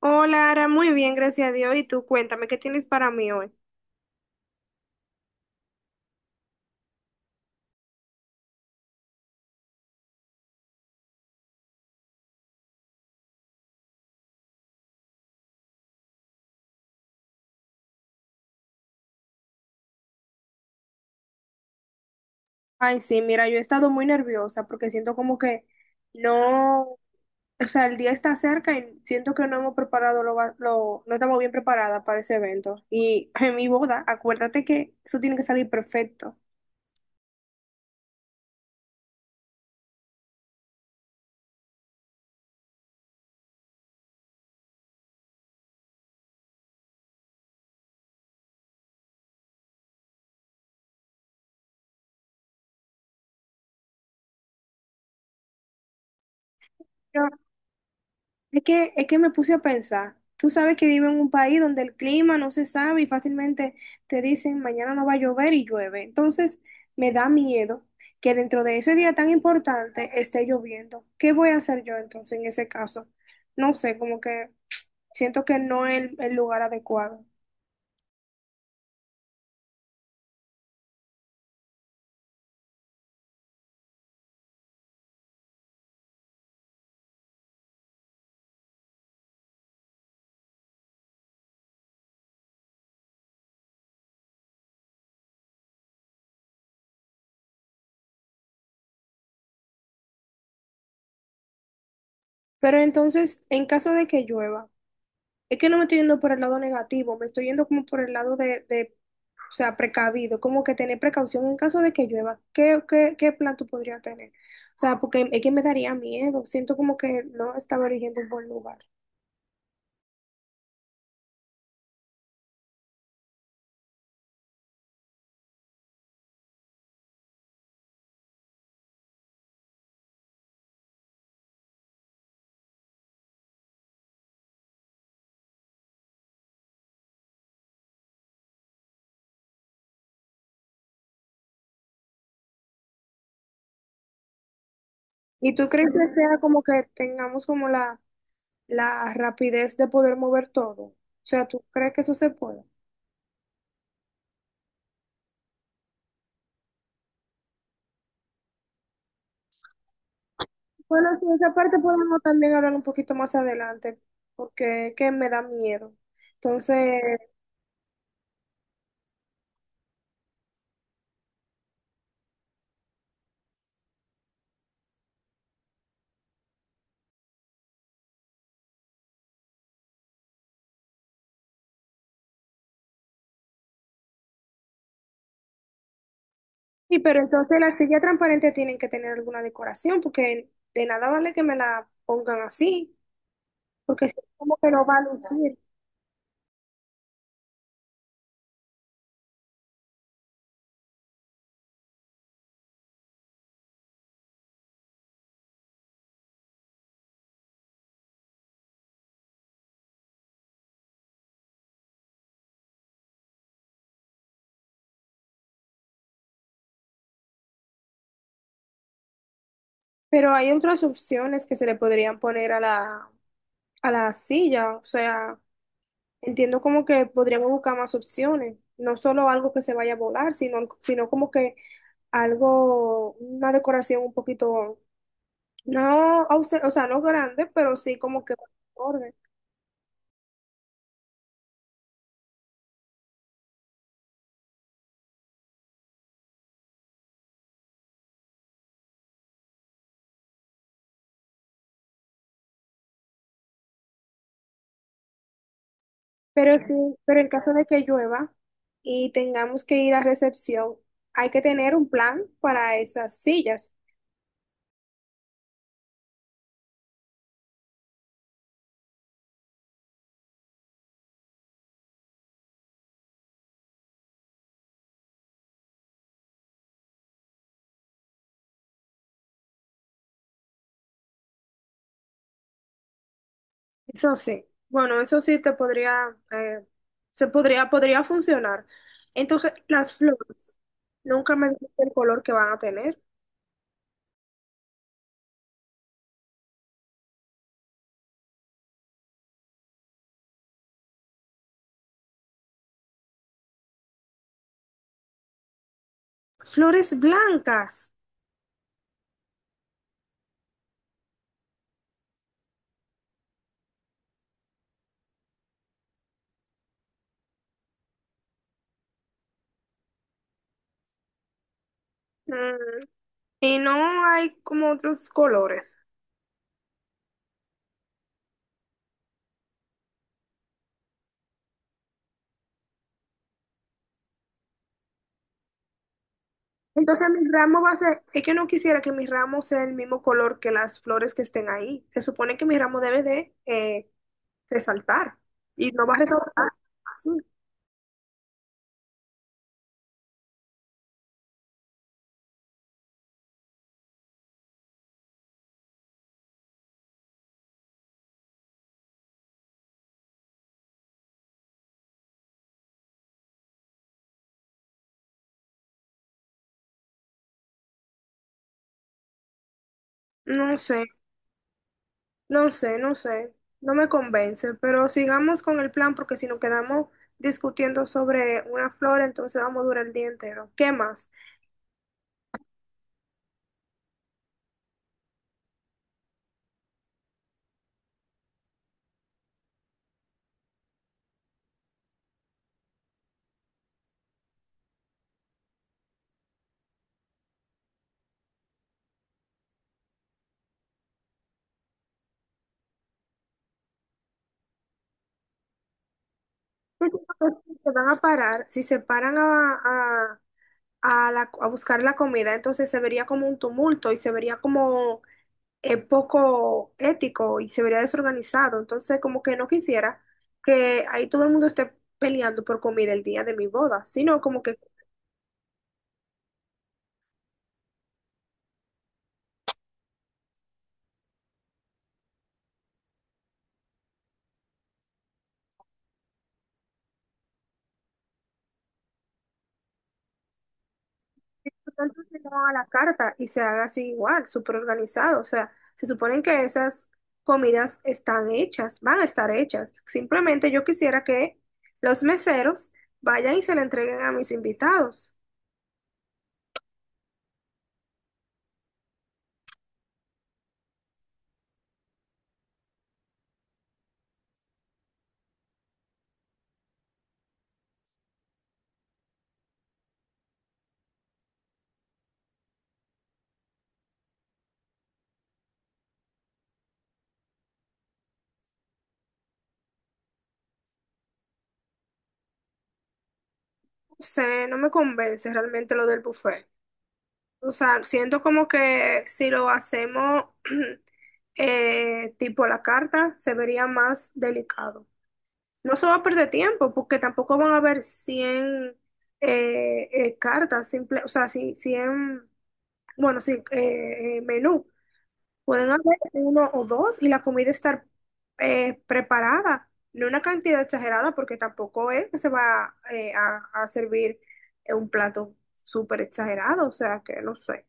Hola, Ara, muy bien, gracias a Dios. Y tú, cuéntame, ¿qué tienes para mí hoy? Ay, sí, mira, yo he estado muy nerviosa porque siento como que no, o sea, el día está cerca y siento que no hemos preparado no estamos bien preparadas para ese evento. Y en mi boda, acuérdate que eso tiene que salir perfecto. Es que me puse a pensar. Tú sabes que vivo en un país donde el clima no se sabe y fácilmente te dicen mañana no va a llover y llueve. Entonces me da miedo que dentro de ese día tan importante esté lloviendo. ¿Qué voy a hacer yo entonces en ese caso? No sé, como que siento que no es el lugar adecuado. Pero entonces, en caso de que llueva. Es que no me estoy yendo por el lado negativo, me estoy yendo como por el lado o sea, precavido, como que tener precaución en caso de que llueva. ¿Qué plan tú podrías tener? O sea, porque es que me daría miedo, siento como que no estaba eligiendo un buen lugar. ¿Y tú crees que sea como que tengamos como la rapidez de poder mover todo? O sea, ¿tú crees que eso se puede? Bueno, sí, esa parte podemos también hablar un poquito más adelante, porque es que me da miedo. Entonces, sí, pero entonces las sillas transparentes tienen que tener alguna decoración, porque de nada vale que me la pongan así, porque es como que no va a lucir. Pero hay otras opciones que se le podrían poner a a la silla, o sea, entiendo como que podríamos buscar más opciones, no solo algo que se vaya a volar, sino como que algo, una decoración un poquito, no, ausen- o sea, no grande, pero sí como que orden. Pero sí, pero en caso de que llueva y tengamos que ir a recepción, hay que tener un plan para esas sillas. Eso sí, bueno, eso sí te podría, se podría, podría funcionar. Entonces, las flores, nunca me dijiste el color que van a tener. Flores blancas. Mm, y no hay como otros colores. Entonces mi ramo va a ser, es que no quisiera que mi ramo sea el mismo color que las flores que estén ahí. Se supone que mi ramo debe de resaltar y no va a resaltar. Sí, no sé, no sé, no me convence, pero sigamos con el plan porque si nos quedamos discutiendo sobre una flor, entonces vamos a durar el día entero. ¿Qué más? ¿Qué tipo de gente? Se van a parar, si se paran a la- a buscar la comida, entonces se vería como un tumulto y se vería como es poco ético y se vería desorganizado. Entonces, como que no quisiera que ahí todo el mundo esté peleando por comida el día de mi boda, sino como que tanto se haga a la carta y se haga así igual, súper organizado. O sea, se suponen que esas comidas están hechas, van a estar hechas. Simplemente yo quisiera que los meseros vayan y se la entreguen a mis invitados. No sé, no me convence realmente lo del buffet. O sea, siento como que si lo hacemos tipo a la carta, se vería más delicado. No se va a perder tiempo porque tampoco van a haber 100 cartas, simple, o sea, si- 100 bueno, sí, menú. Pueden haber uno o dos y la comida estar preparada, no una cantidad exagerada porque tampoco es que se va a servir un plato súper exagerado, o sea, que no sé.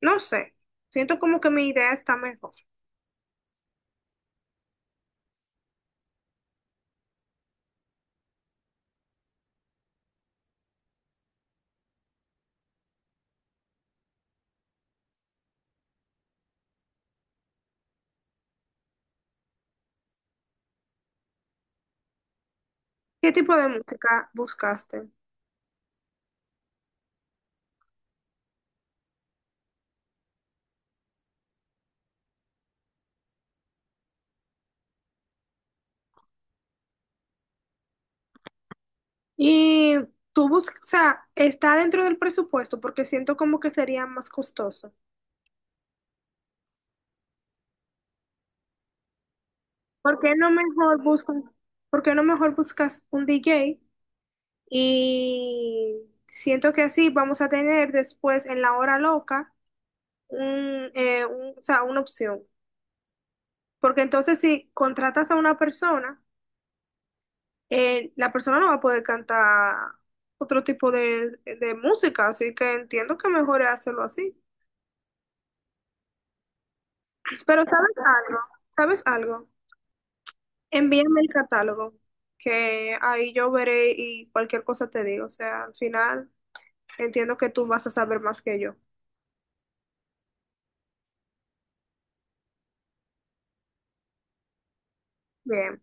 No sé, siento como que mi idea está mejor. ¿Qué tipo de música buscaste? Y tú buscas, o sea, está dentro del presupuesto porque siento como que sería más costoso. ¿Por qué no mejor buscas, ¿Por qué no mejor buscas un DJ? Y siento que así vamos a tener después en la hora loca un, o sea, una opción. Porque entonces si contratas a una persona, la persona no va a poder cantar otro tipo de música, así que entiendo que mejor es hacerlo así. Pero ¿sabes algo? ¿Sabes algo? Envíame el catálogo, que ahí yo veré y cualquier cosa te digo. O sea, al final entiendo que tú vas a saber más que yo. Bien.